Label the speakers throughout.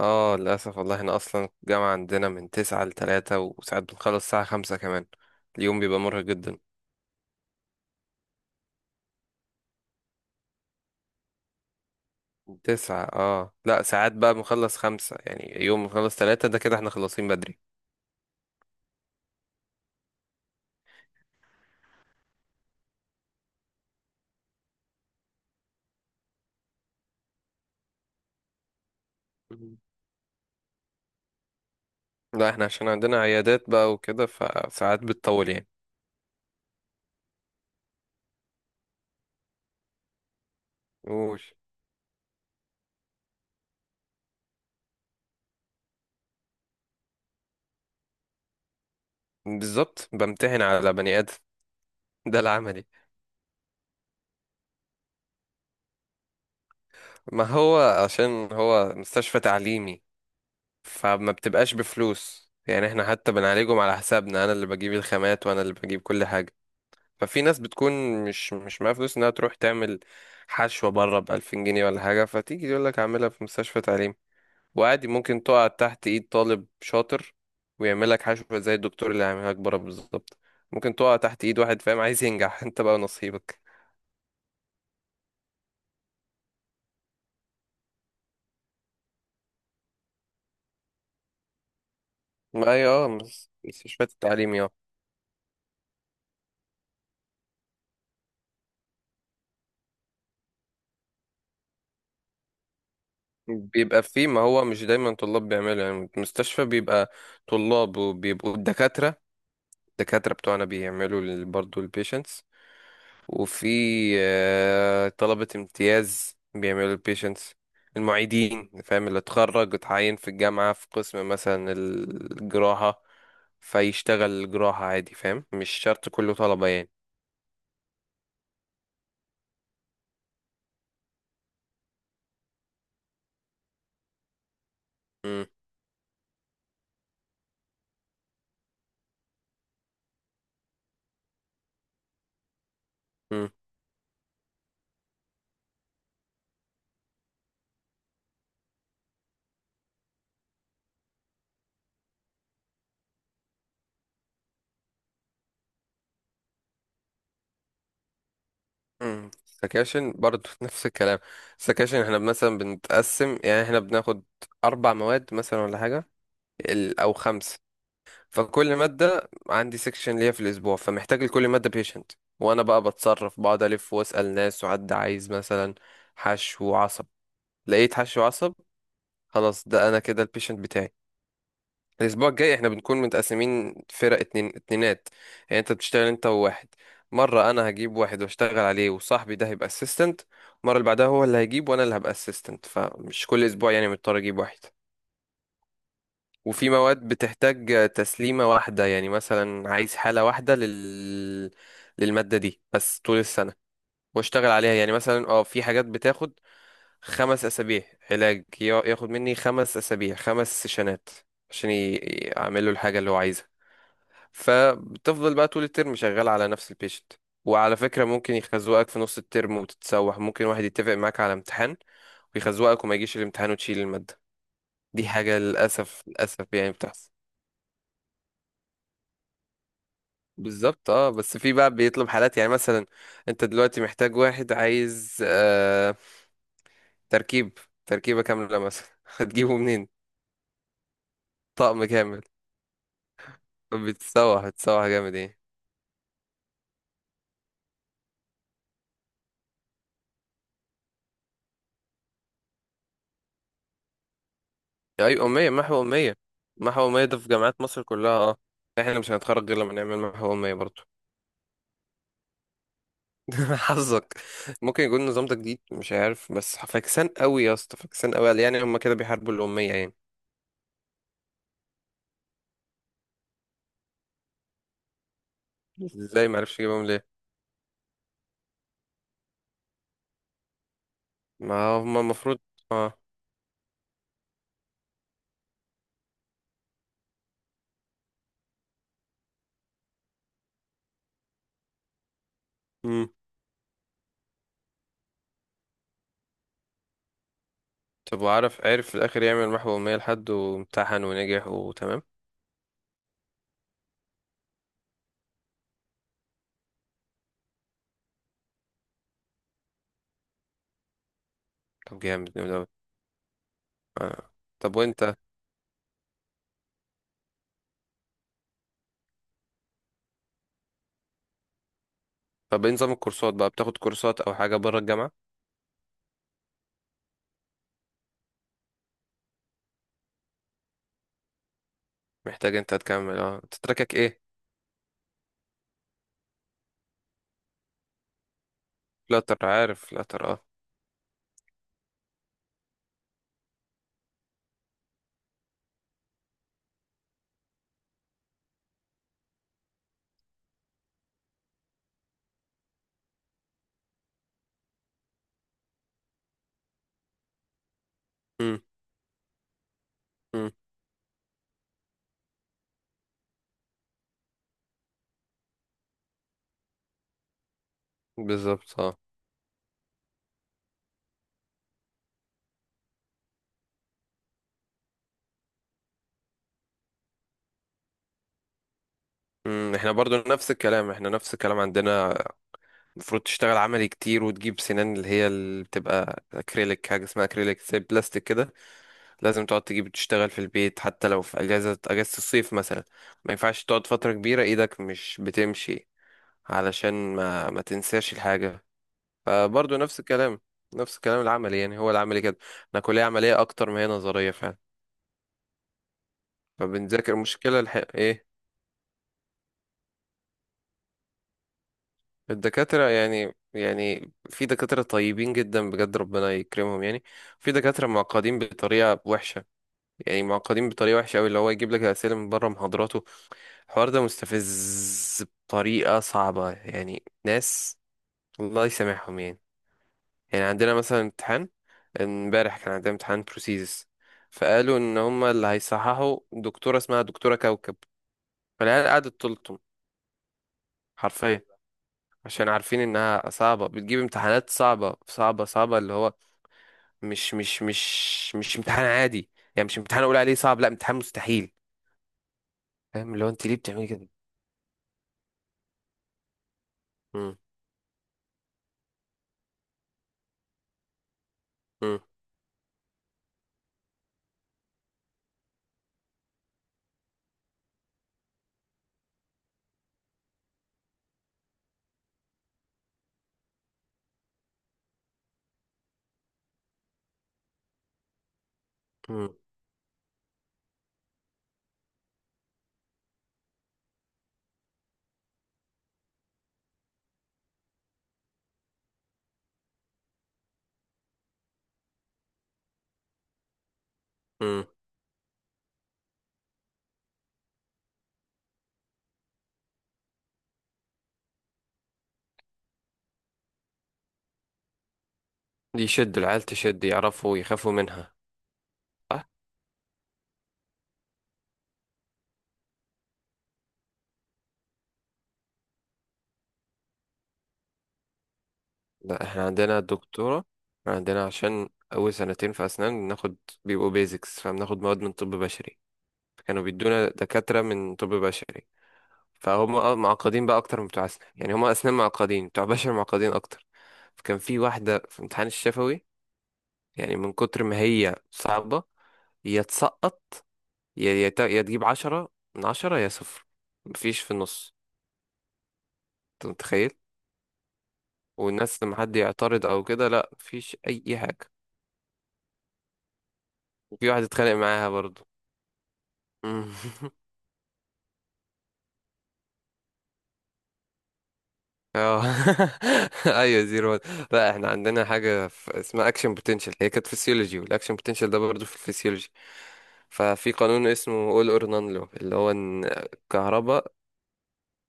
Speaker 1: اه للأسف، والله احنا أصلا الجامعة عندنا من تسعة لتلاتة، وساعات بنخلص الساعة خمسة كمان. اليوم بيبقى مرهق جدا. تسعة لا ساعات بقى بنخلص خمسة، يعني يوم بنخلص تلاتة ده كده احنا خلصين بدري. مم. لا احنا عشان عندنا عيادات بقى وكده فساعات بتطول يعني. قول. بالظبط، بمتحن على بني آدم. ده العملي. ما هو عشان هو مستشفى تعليمي. فما بتبقاش بفلوس يعني، احنا حتى بنعالجهم على حسابنا، انا اللي بجيب الخامات وانا اللي بجيب كل حاجة. ففي ناس بتكون مش معاها فلوس انها تروح تعمل حشوة بره بألفين جنيه ولا حاجة، فتيجي يقول لك اعملها في مستشفى تعليم. وعادي ممكن تقع تحت ايد طالب شاطر ويعمل لك حشوة زي الدكتور اللي هيعملها لك بره بالظبط. ممكن تقع تحت ايد واحد فاهم عايز ينجح. انت بقى نصيبك. ما هي مستشفيات التعليم اه. بيبقى فيه، ما هو مش دايما طلاب بيعملوا يعني، المستشفى بيبقى طلاب، وبيبقوا الدكاترة. الدكاترة بتوعنا بيعملوا برضه البيشنتس. وفي طلبة امتياز بيعملوا البيشنتس. المعيدين فاهم، اللي اتخرج اتعين في الجامعة في قسم مثلا الجراحة، فيشتغل الجراحة عادي، فاهم، مش شرط كله طلبة يعني. مم، مم، مم. سكاشن برضو نفس الكلام. سكاشن احنا مثلا بنتقسم، يعني احنا بناخد أربع مواد مثلا ولا حاجة، أو خمس. فكل مادة عندي سيكشن ليا في الأسبوع، فمحتاج لكل مادة بيشنت. وأنا بقى بتصرف، بقعد ألف وأسأل ناس، وحد عايز مثلا حشو وعصب، لقيت حشو وعصب، خلاص ده أنا كده البيشنت بتاعي. الأسبوع الجاي احنا بنكون متقسمين فرق، اتنين اتنينات، يعني انت بتشتغل انت وواحد. مرة أنا هجيب واحد واشتغل عليه وصاحبي ده هيبقى اسيستنت، المرة اللي بعدها هو اللي هيجيب وأنا اللي هبقى اسيستنت، فمش كل أسبوع يعني مضطر أجيب واحد. وفي مواد بتحتاج تسليمة واحدة، يعني مثلا عايز حالة واحدة للمادة دي بس طول السنة واشتغل عليها، يعني مثلا في حاجات بتاخد خمس أسابيع علاج، ياخد مني خمس أسابيع خمس سيشنات، عشان أعمل له الحاجة اللي هو عايزها. فبتفضل بقى طول الترم شغال على نفس البيشنت. وعلى فكرة ممكن يخزوقك في نص الترم وتتسوح، ممكن واحد يتفق معاك على امتحان ويخزوقك وما يجيش الامتحان وتشيل المادة، دي حاجة للأسف، للأسف يعني بتحصل. بالظبط اه، بس في بقى بيطلب حالات، يعني مثلا انت دلوقتي محتاج واحد عايز تركيب، تركيبة كاملة مثلا هتجيبه منين؟ طقم كامل. بتسوح، بتسوح جامد، ايه. اي أمية، محو أمية. محو أمية ده في جامعات مصر كلها اه، احنا مش هنتخرج غير لما نعمل محو أمية برضه. حظك. ممكن يكون النظام ده جديد مش عارف، بس فاكسان قوي يا اسطى، فاكسان قوي، يعني هما كده بيحاربوا الأمية يعني. ازاي معرفش يجيبهم ليه؟ ما هما المفروض اه. طب وعرف، عرف في الآخر يعمل محو أمية لحد وامتحن ونجح وتمام؟ طب، جامد جامد أوي. آه. طب وأنت؟ طب إيه نظام الكورسات بقى؟ بتاخد كورسات أو حاجة بره الجامعة؟ محتاج أنت تكمل أنت تراكك إيه؟ فلاتر، عارف فلاتر اه. مم. مم. بالظبط اه. مم. احنا برضو نفس الكلام، احنا نفس الكلام عندنا. المفروض تشتغل عملي كتير، وتجيب سنان اللي هي اللي بتبقى اكريليك، حاجه اسمها اكريليك زي بلاستيك كده. لازم تقعد تجيب تشتغل في البيت حتى لو في اجازة الصيف مثلا. ما ينفعش تقعد فترة كبيرة ايدك مش بتمشي، علشان ما تنساش الحاجة. فبرضه نفس الكلام، نفس الكلام العملي يعني، هو العملي كده. انا كلية عملية اكتر ما هي نظرية فعلا. فبنذاكر مشكلة ايه. الدكاترة يعني في دكاترة طيبين جدا بجد ربنا يكرمهم يعني. في دكاترة معقدين بطريقة وحشة، يعني معقدين بطريقة وحشة أوي، اللي هو يجيب لك أسئلة من بره محاضراته. الحوار ده مستفز بطريقة صعبة، يعني ناس الله يسامحهم يعني. يعني عندنا مثلا امتحان، امبارح كان عندنا امتحان بروسيس. فقالوا ان هما اللي هيصححوا دكتورة اسمها دكتورة كوكب. فالعيال قعدت تلطم، حرفيا. عشان عارفين انها صعبة، بتجيب امتحانات صعبة صعبة صعبة، اللي هو مش امتحان عادي. يعني مش امتحان اقول عليه صعب، لا، امتحان مستحيل. فاهم، اللي هو انت ليه بتعملي كده؟ مم، مم، مم، مم. يشد العيال، تشد، يعرفوا يخافوا منها. صح. لا احنا عندنا الدكتورة، إحنا عندنا عشان أول سنتين في أسنان ناخد، بيبقوا بيزكس، فبناخد مواد من طب بشري. فكانوا بيدونا دكاترة من طب بشري. فهم معقدين بقى أكتر من بتوع أسنان، يعني هم أسنان معقدين، بتوع بشر معقدين أكتر. فكان في واحدة في امتحان الشفوي، يعني من كتر ما هي صعبة، يا تسقط، يا تجيب عشرة من عشرة، يا صفر، مفيش في النص. أنت متخيل؟ والناس لما حد يعترض او كده، لا مفيش اي حاجه. وفي واحد اتخانق معاها برضو. مم. اه. ايوه زيرو وان. لا احنا عندنا حاجه اسمها اكشن بوتنشال، هي كانت فيسيولوجي، والاكشن بوتنشال ده برضو في الفسيولوجي. ففي قانون اسمه اول اور نان لو، اللي هو ان الكهرباء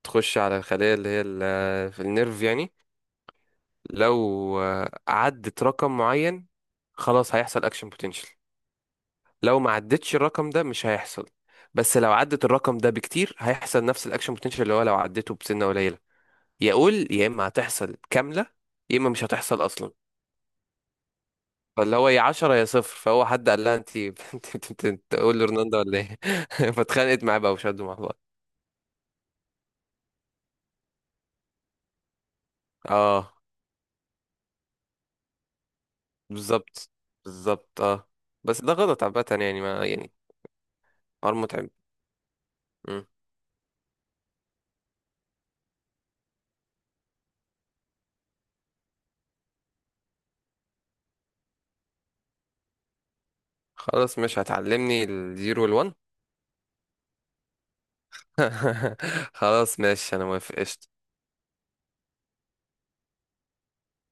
Speaker 1: تخش على الخليه اللي هي في النيرف يعني. لو عدت رقم معين خلاص هيحصل اكشن بوتنشال. لو ما عدتش الرقم ده مش هيحصل. بس لو عدت الرقم ده بكتير هيحصل نفس الاكشن بوتنشال، اللي هو لو عدته بسنه قليله. يقول يا اما هتحصل كامله، يا اما مش هتحصل اصلا. فاللي هو يا 10 يا صفر، فهو حد قال لها انت تقول لرونالدو ولا ايه؟ فاتخانقت معاه بقى وشدوا مع بعض. اه. بالظبط، بالظبط اه. بس ده غلط عامه يعني، ما يعني. حوار متعب. مم. خلاص مش هتعلمني الزيرو والون. خلاص ماشي، انا موافق، قشطة.